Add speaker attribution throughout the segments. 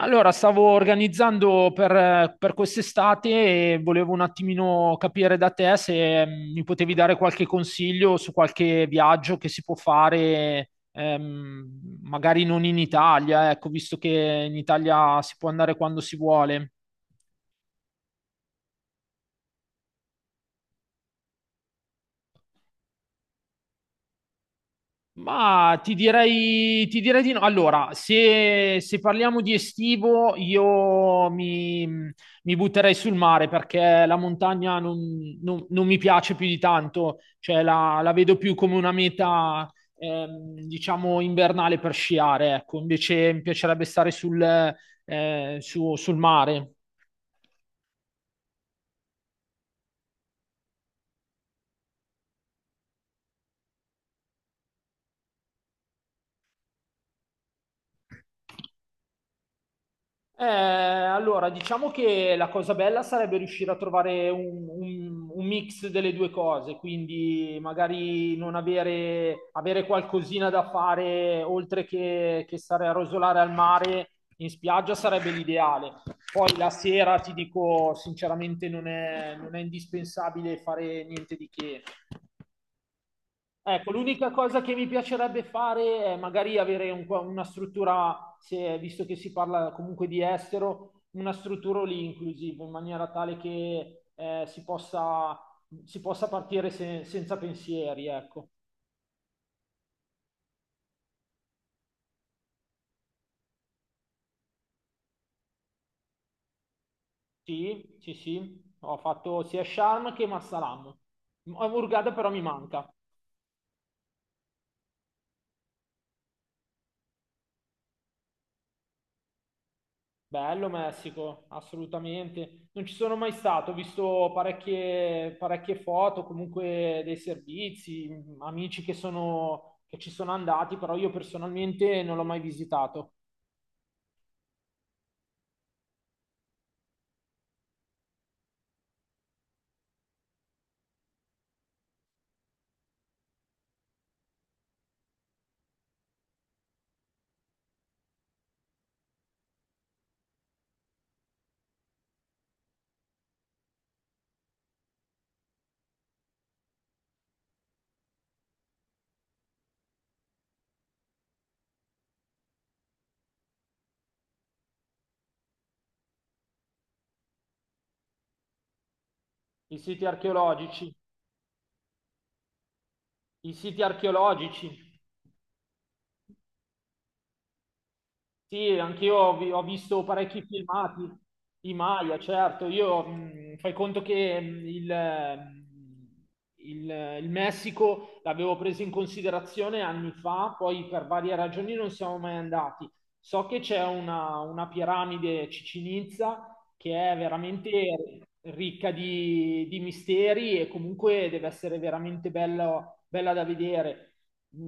Speaker 1: Allora, stavo organizzando per quest'estate e volevo un attimino capire da te se mi potevi dare qualche consiglio su qualche viaggio che si può fare, magari non in Italia, ecco, visto che in Italia si può andare quando si vuole. Ma ti direi di no. Allora, se parliamo di estivo, io mi butterei sul mare perché la montagna non mi piace più di tanto, cioè la vedo più come una meta, diciamo, invernale per sciare, ecco. Invece mi piacerebbe stare sul mare. Allora, diciamo che la cosa bella sarebbe riuscire a trovare un mix delle due cose, quindi magari non avere, avere qualcosina da fare oltre che stare a rosolare al mare in spiaggia sarebbe l'ideale. Poi la sera, ti dico sinceramente, non è indispensabile fare niente di che. Ecco, l'unica cosa che mi piacerebbe fare è magari avere un po' una struttura, visto che si parla comunque di estero, una struttura lì inclusive, in maniera tale che si possa partire senza pensieri, ecco. Sì, ho fatto sia Sharm che Marsalam. Hurghada però mi manca. Bello Messico, assolutamente. Non ci sono mai stato, ho visto parecchie foto, comunque dei servizi, amici che ci sono andati, però io personalmente non l'ho mai visitato. I siti archeologici, I siti archeologici. Sì, anch'io ho visto parecchi filmati di Maya, certo. Io fai conto che il Messico l'avevo preso in considerazione anni fa, poi per varie ragioni non siamo mai andati. So che c'è una piramide Chichén Itzá che è veramente ricca di misteri e comunque deve essere veramente bella bella da vedere.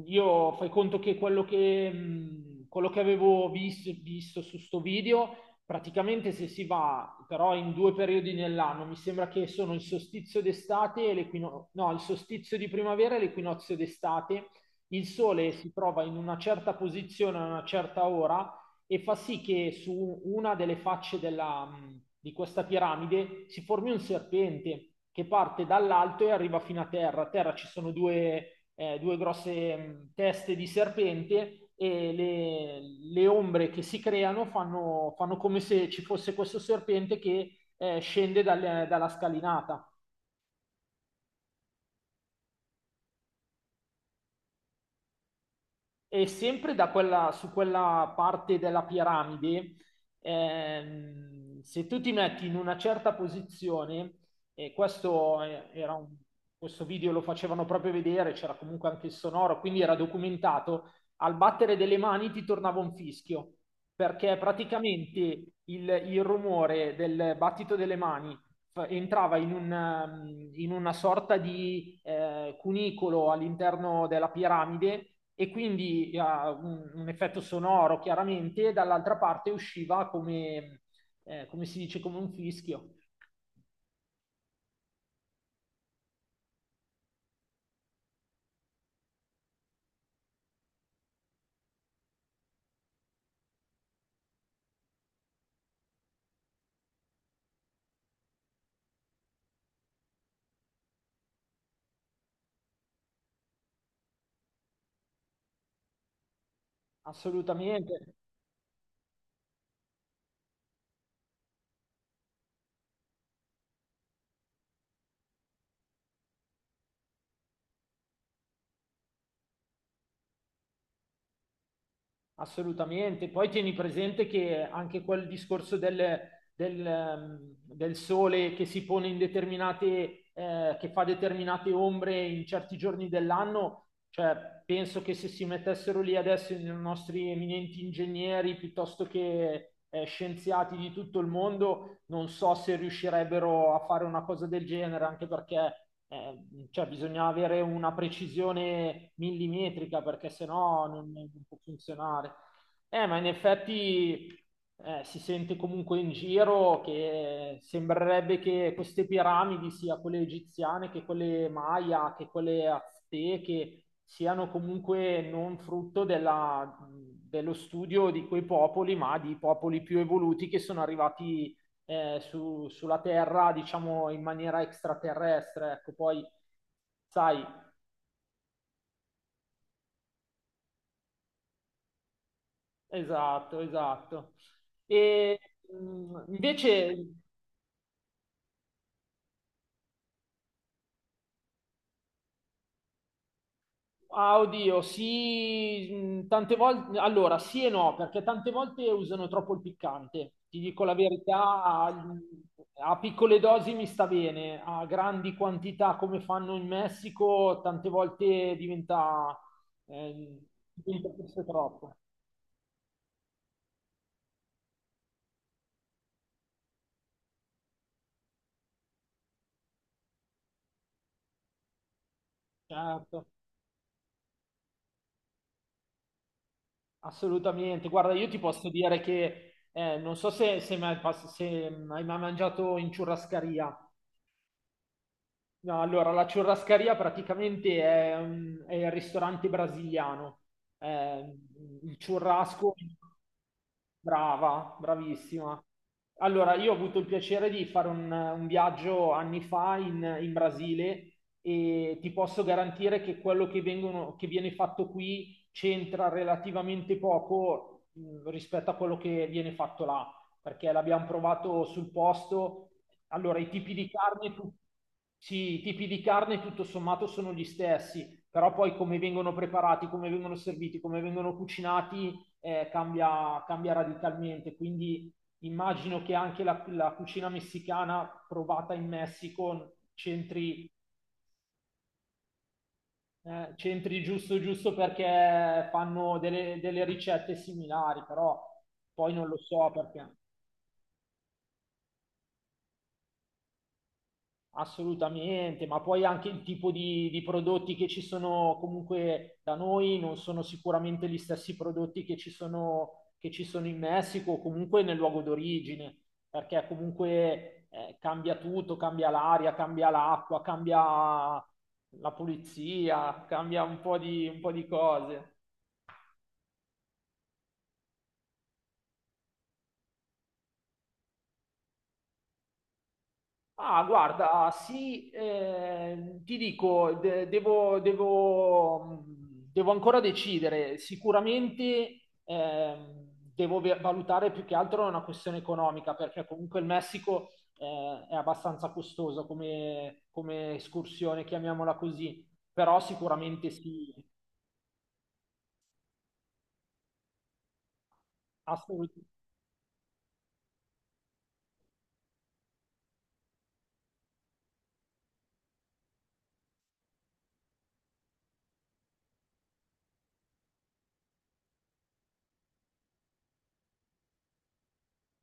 Speaker 1: Io fai conto che quello che avevo visto su sto video, praticamente se si va però in due periodi nell'anno, mi sembra che sono il solstizio d'estate e l'equinozio, no, il solstizio di primavera e l'equinozio d'estate, il sole si trova in una certa posizione a una certa ora e fa sì che su una delle facce di questa piramide si formi un serpente che parte dall'alto e arriva fino a terra. A terra ci sono due grosse teste di serpente le ombre che si creano fanno come se ci fosse questo serpente che scende dalla scalinata. E sempre da su quella parte della piramide, se tu ti metti in una certa posizione, e questo video lo facevano proprio vedere, c'era comunque anche il sonoro, quindi era documentato, al battere delle mani ti tornava un fischio, perché praticamente il rumore del battito delle mani entrava in una sorta di cunicolo all'interno della piramide e quindi un effetto sonoro chiaramente, e dall'altra parte usciva come, come si dice, come un fischio. Assolutamente. Assolutamente. Poi tieni presente che anche quel discorso del, ehm, del sole che si pone in determinate, che fa determinate ombre in certi giorni dell'anno, cioè penso che se si mettessero lì adesso i nostri eminenti ingegneri piuttosto che scienziati di tutto il mondo, non so se riuscirebbero a fare una cosa del genere, anche perché cioè, bisogna avere una precisione millimetrica, perché sennò non può funzionare. Ma in effetti si sente comunque in giro che sembrerebbe che queste piramidi, sia quelle egiziane che quelle maya, che quelle azteche, siano comunque non frutto della, dello studio di quei popoli, ma di popoli più evoluti che sono arrivati sulla Terra, diciamo in maniera extraterrestre, ecco, poi sai, esatto, esatto. E invece, ah, oddio, sì, tante volte, allora sì e no, perché tante volte usano troppo il piccante, ti dico la verità, a piccole dosi mi sta bene, a grandi quantità come fanno in Messico, tante volte eh, diventa forse troppo, certo. Assolutamente, guarda, io ti posso dire che non so se mai se hai mai mangiato in ciurrascaria. No, allora, la ciurrascaria praticamente è il ristorante brasiliano. Eh, il churrasco. Brava, bravissima. Allora, io ho avuto il piacere di fare un viaggio anni fa in Brasile e ti posso garantire che che viene fatto qui c'entra relativamente poco rispetto a quello che viene fatto là, perché l'abbiamo provato sul posto. Allora, i tipi di carne, sì, i tipi di carne tutto sommato sono gli stessi, però poi come vengono preparati, come vengono serviti, come vengono cucinati cambia radicalmente. Quindi immagino che anche la cucina messicana provata in Messico centri, centri giusto giusto perché fanno delle ricette similari, però poi non lo so perché. Assolutamente, ma poi anche il tipo di prodotti che ci sono comunque da noi non sono sicuramente gli stessi prodotti che ci sono in Messico o comunque nel luogo d'origine, perché comunque cambia tutto, cambia l'aria, cambia l'acqua, cambia la pulizia, cambia un po' un po' di cose. Ah, guarda, sì, ti dico, devo ancora decidere. Sicuramente devo valutare più che altro una questione economica, perché comunque il Messico è abbastanza costoso come, come escursione, chiamiamola così. Però sicuramente sì, assolutamente.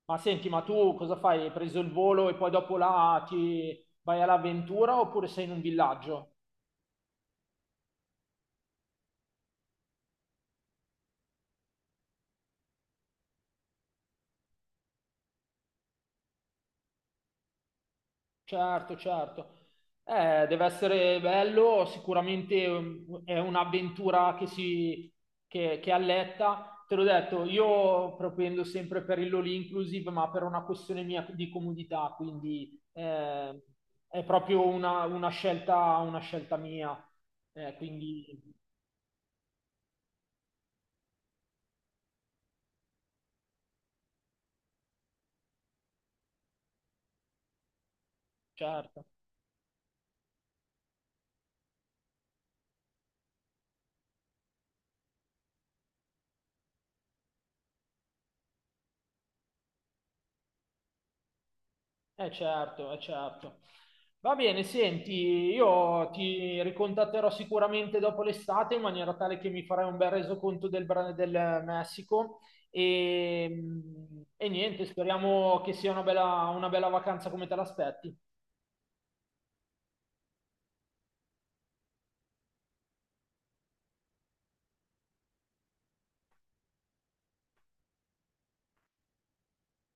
Speaker 1: Ma senti, ma tu cosa fai? Hai preso il volo e poi dopo là ti vai all'avventura oppure sei in un villaggio? Certo, certo. Deve essere bello, sicuramente è un'avventura che alletta. Te l'ho detto, io propendo sempre per il all inclusive, ma per una questione mia di comodità, quindi è proprio una scelta mia. Quindi, certo. Eh certo, eh certo. Va bene, senti, io ti ricontatterò sicuramente dopo l'estate in maniera tale che mi farai un bel resoconto del, del Messico e, e niente, speriamo che sia una bella vacanza come te l'aspetti.